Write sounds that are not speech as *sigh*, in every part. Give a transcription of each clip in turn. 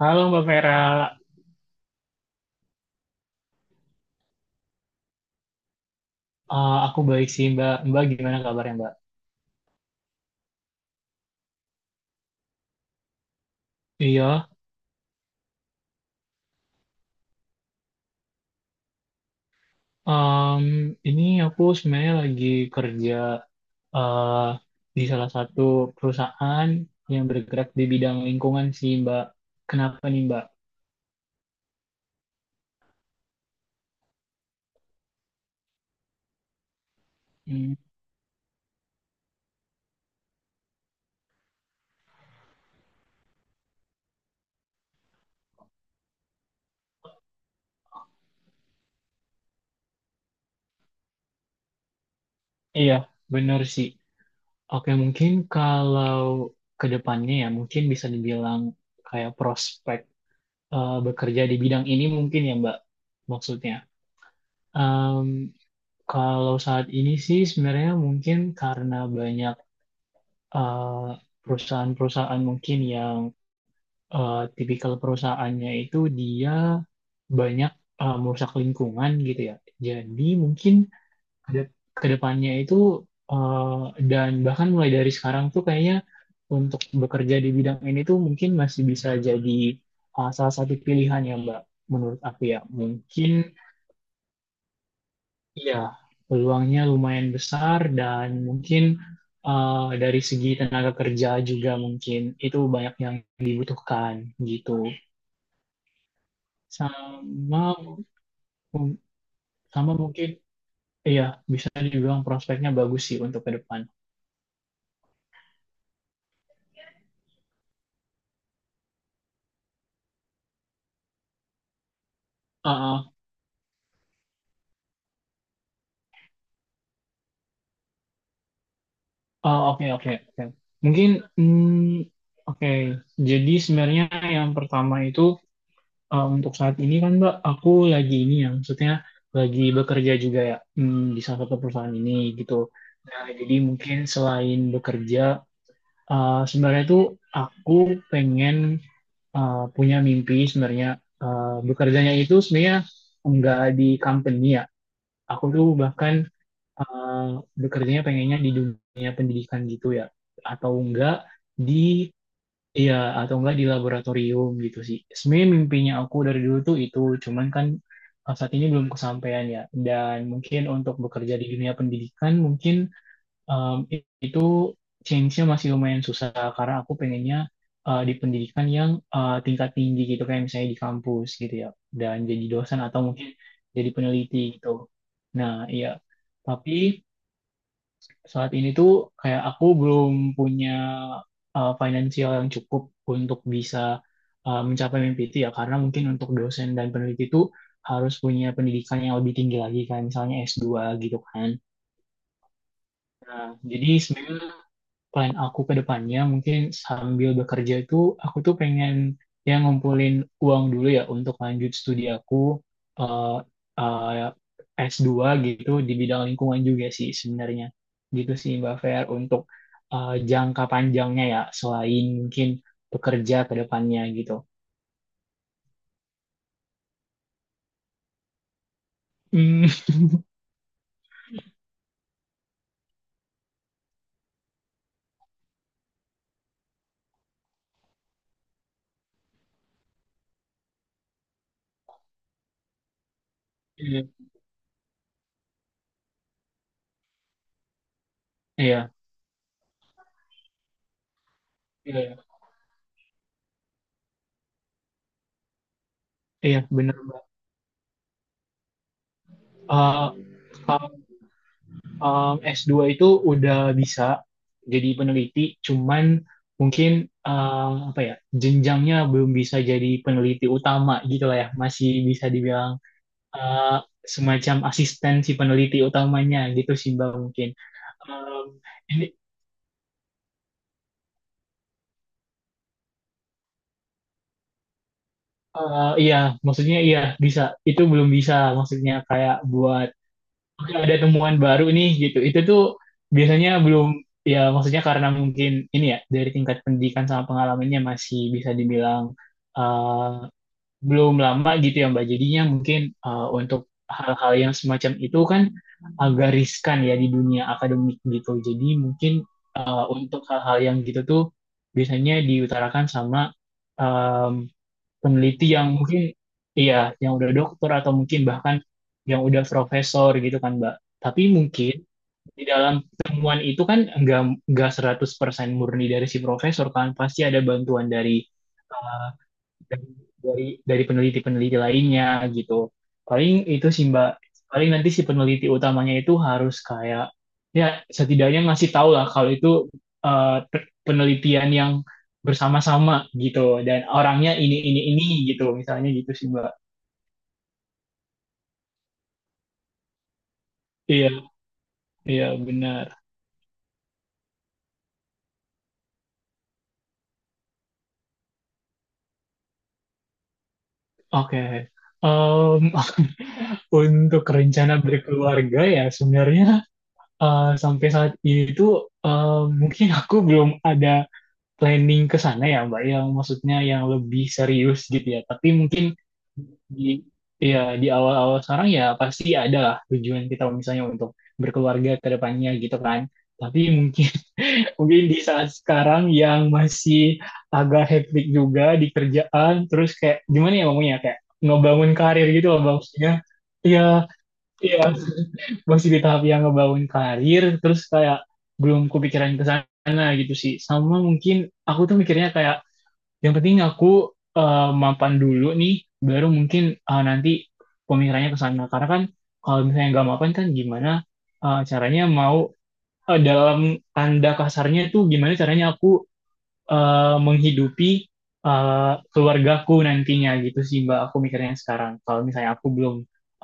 Halo Mbak Vera. Aku baik sih Mbak. Mbak gimana kabarnya Mbak? Iya. em, ini aku sebenarnya lagi kerja eh, di salah satu perusahaan yang bergerak di bidang lingkungan sih Mbak. Kenapa nih Mbak? Hmm, iya, bener sih. Oke, mungkin kalau ke depannya ya mungkin bisa dibilang kayak prospek bekerja di bidang ini mungkin ya Mbak maksudnya. Kalau saat ini sih sebenarnya mungkin karena banyak eh, perusahaan-perusahaan mungkin yang tipikal perusahaannya itu dia banyak merusak lingkungan gitu ya. Jadi mungkin ke ke depannya itu dan bahkan mulai dari sekarang tuh kayaknya untuk bekerja di bidang ini tuh mungkin masih bisa jadi salah satu pilihan ya Mbak. Menurut aku ya mungkin iya, peluangnya lumayan besar dan mungkin eh, dari segi tenaga kerja juga mungkin itu banyak yang dibutuhkan gitu. Sama sama mungkin iya bisa dibilang prospeknya bagus sih untuk ke depan. Ah, ah. Ah, oke oke oke. Mungkin oke. Jadi sebenarnya yang pertama itu, untuk saat ini kan Mbak, aku lagi ini ya, maksudnya lagi bekerja juga ya, di salah satu perusahaan ini gitu. Nah, jadi mungkin selain bekerja, sebenarnya tuh aku pengen punya mimpi sebenarnya. Eh, bekerjanya itu sebenarnya enggak di company ya. Aku tuh bahkan eh, bekerjanya pengennya di dunia pendidikan gitu ya, atau enggak di iya, atau enggak di laboratorium gitu sih. Sebenarnya mimpinya aku dari dulu tuh itu, cuman kan saat ini belum kesampaian ya. Dan mungkin untuk bekerja di dunia pendidikan, mungkin itu change-nya masih lumayan susah karena aku pengennya di pendidikan yang tingkat tinggi gitu, kayak misalnya di kampus gitu ya. Dan jadi dosen atau mungkin jadi peneliti gitu. Nah, iya. Tapi saat ini tuh kayak aku belum punya financial yang cukup untuk bisa mencapai mimpi itu ya, karena mungkin untuk dosen dan peneliti itu harus punya pendidikan yang lebih tinggi lagi kan misalnya S2 gitu kan. Jadi sebenarnya plan aku ke depannya mungkin sambil bekerja itu aku tuh pengen ya ngumpulin uang dulu ya untuk lanjut studi aku eh, s dua gitu di bidang lingkungan juga sih sebenarnya. Gitu sih Mbak Fer untuk jangka panjangnya ya selain mungkin bekerja ke depannya gitu. Hmm, *laughs* iya, iya, iya, iya, bener Mbak. Eh, s dua itu udah bisa jadi peneliti, cuman mungkin apa ya jenjangnya belum bisa jadi peneliti utama gitu lah ya, masih bisa dibilang uh, semacam asisten si peneliti utamanya gitu sih Mbak mungkin. Um, ini iya maksudnya iya bisa itu belum bisa maksudnya kayak buat oke, ada temuan baru nih gitu. Itu tuh biasanya belum ya maksudnya karena mungkin ini ya dari tingkat pendidikan sama pengalamannya masih bisa dibilang eh, belum lama gitu ya Mbak. Jadinya mungkin untuk hal-hal yang semacam itu kan agak riskan ya di dunia akademik gitu. Jadi mungkin untuk hal-hal yang gitu tuh biasanya diutarakan sama peneliti yang mungkin iya yang udah dokter atau mungkin bahkan yang udah profesor gitu kan Mbak. Tapi mungkin di dalam temuan itu kan enggak 100% murni dari si profesor, kan pasti ada bantuan dari eh, dari dari peneliti-peneliti lainnya gitu. Paling itu sih Mbak, paling nanti si peneliti utamanya itu harus kayak ya setidaknya ngasih tahu lah kalau itu penelitian yang bersama-sama gitu dan orangnya ini gitu misalnya gitu sih Mbak. Iya, iya benar. Oke. Em, *laughs* untuk rencana berkeluarga ya sebenarnya sampai saat ini tuh mungkin aku belum ada planning ke sana ya Mbak, yang maksudnya yang lebih serius gitu ya. Tapi mungkin di ya di awal-awal sekarang ya pasti ada lah tujuan kita misalnya untuk berkeluarga ke depannya gitu kan. Tapi mungkin *laughs* mungkin di saat sekarang yang masih agak hectic juga di kerjaan, terus kayak gimana ya ngomongnya kayak ngebangun karir gitu loh Mbak, maksudnya. Iya, iya masih di tahap yang ngebangun karir, terus kayak belum kepikiran ke sana gitu sih. Sama mungkin aku tuh mikirnya kayak yang penting aku mapan dulu nih, baru mungkin nanti pemikirannya ke sana. Karena kan kalau misalnya nggak mapan kan gimana caranya mau dalam tanda kasarnya tuh gimana caranya aku menghidupi keluargaku nantinya gitu sih Mbak. Aku mikirnya sekarang. Kalau misalnya aku belum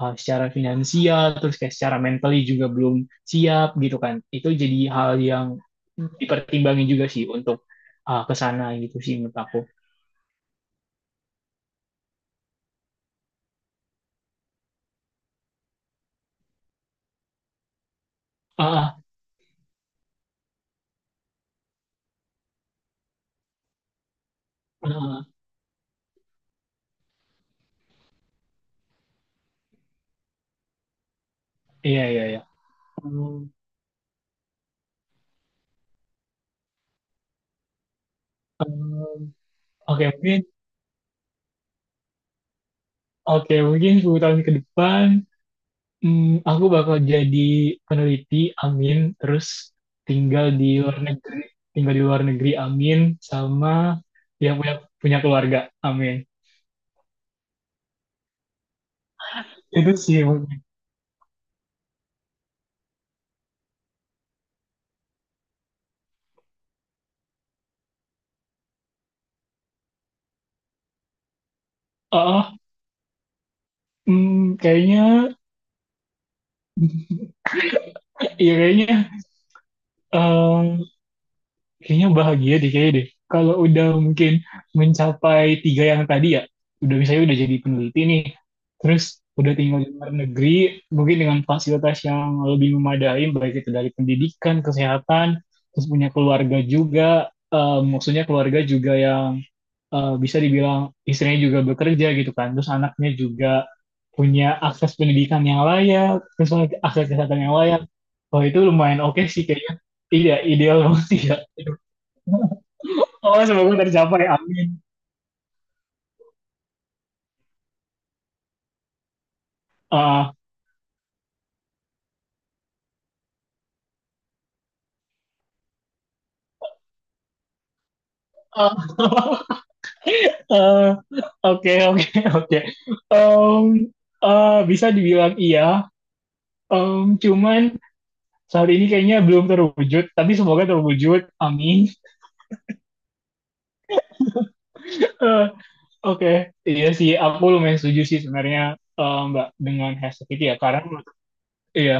secara finansial, terus kayak secara mentally juga belum siap gitu kan. Itu jadi hal yang dipertimbangin juga sih untuk ke sana gitu sih menurut aku. Ah, ah, iya iya iya. Hmm, hmm, Oke mungkin oke mungkin, 10 tahun ke depan aku bakal jadi peneliti, amin, terus tinggal di luar negeri, amin, sama yang punya punya keluarga, amin, itu sih mungkin. Oh, oh, hmm, kayaknya ya kayaknya kayaknya bahagia deh kayaknya deh. Kalau udah mungkin mencapai tiga yang tadi ya, udah misalnya udah jadi peneliti nih, terus udah tinggal di luar negeri, mungkin dengan fasilitas yang lebih memadai, baik itu dari pendidikan, kesehatan, terus punya keluarga juga, maksudnya keluarga juga yang bisa dibilang istrinya juga bekerja gitu kan, terus anaknya juga punya akses pendidikan yang layak, terus lagi akses kesehatan yang layak. Wah itu lumayan oke sih kayaknya. Iya, ideal banget sih ya. Oh, semoga tercapai. Amin. Ah, ah, eh, *laughs* oke, oke. um Bisa dibilang iya. Cuman saat ini kayaknya belum terwujud, tapi semoga terwujud. Amin. Eh, Oke, okay. Iya sih, aku lumayan setuju sih sebenarnya Mbak dengan hashtag itu ya. Karena iya,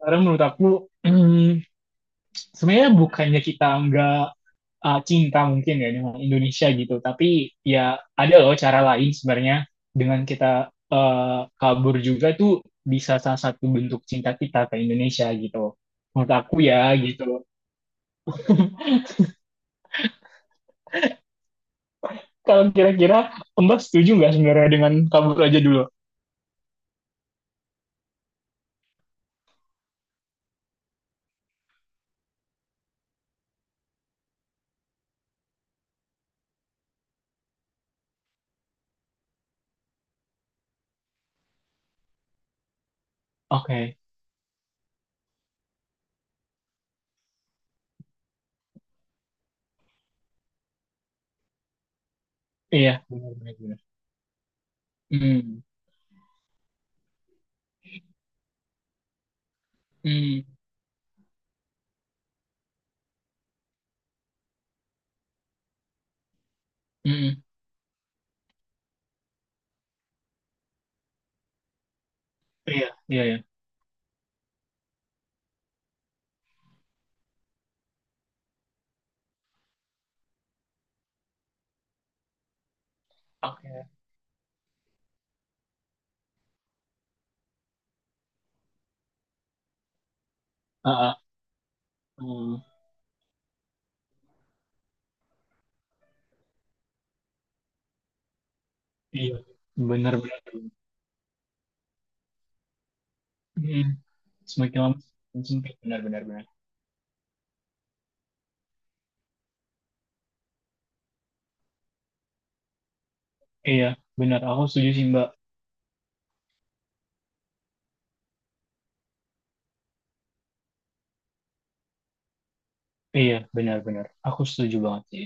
karena menurut aku, *clears throat* hmm, sebenarnya bukannya kita nggak cinta mungkin ya dengan Indonesia gitu. Tapi ya ada loh cara lain sebenarnya dengan kita uh, kabur juga tuh bisa salah satu bentuk cinta kita ke Indonesia gitu. Menurut aku ya gitu. Kalau kira-kira Mbak setuju nggak sebenarnya dengan kabur aja dulu? Oke, iya benar benar. Hmm, hmm, hmm, iya iya iya. Oke. Ah, ah, hmm, iya benar benar. Hmm. Semakin lama semakin sempit benar benar benar. Iya, benar. Aku setuju sih, Mbak. Iya, benar-benar. Aku setuju banget sih.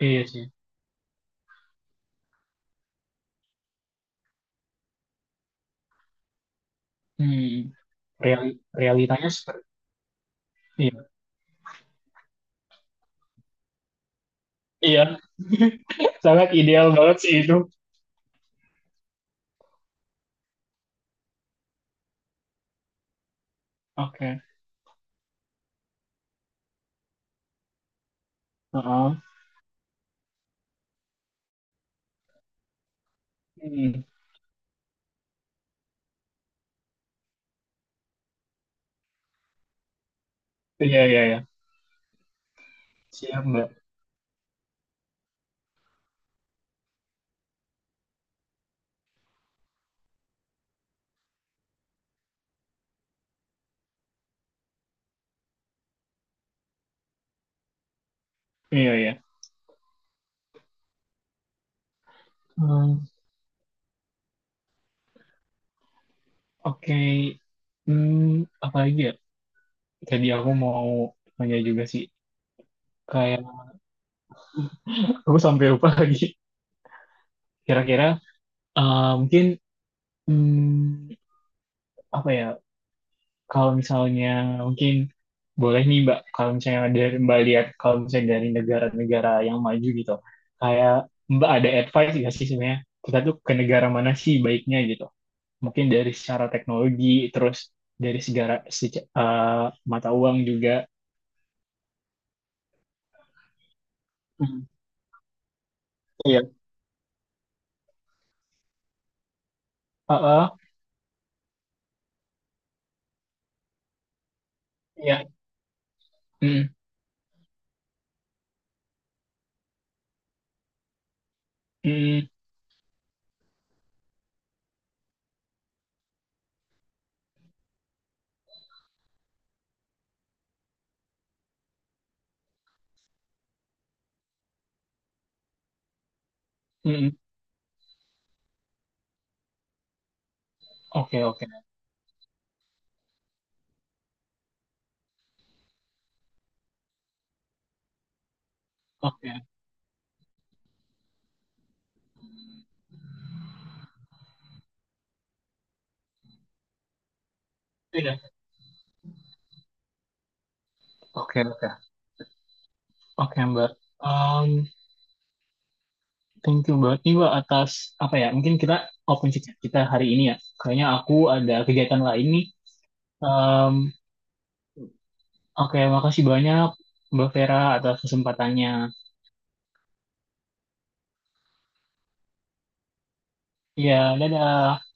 Iya sih. Hmm. real Realitanya seperti iya. Iya, *laughs* sangat ideal banget sih itu. Oke. Heeh. Hmm. Iya, iya, iya. Siap, Mbak. Iya, iya. Hmm. Oke. Hmm, apa lagi ya? Tadi aku mau tanya juga sih. Kayak aku sampai lupa *laughs* lagi. Kira-kira mungkin hmm, apa ya? Kalau misalnya mungkin boleh nih Mbak, kalau misalnya dari Mbak lihat kalau misalnya dari negara-negara yang maju gitu, kayak Mbak ada advice nggak sih sebenarnya kita tuh ke negara mana sih baiknya gitu? Mungkin dari secara teknologi, terus dari segala seca- eh, mata uang juga. Hmm, iya. Heeh, iya. Hmm hmm hmm. Oke, oke, oke. Iya. Oke, oke. Oke, Mbak. Mmm, Thank you banget nih Wak atas apa ya? Mungkin kita open chat kita hari ini ya. Kayaknya aku ada kegiatan lain nih. Em, oke, makasih banyak Mbak Vera atas kesempatannya. Iya, dadah.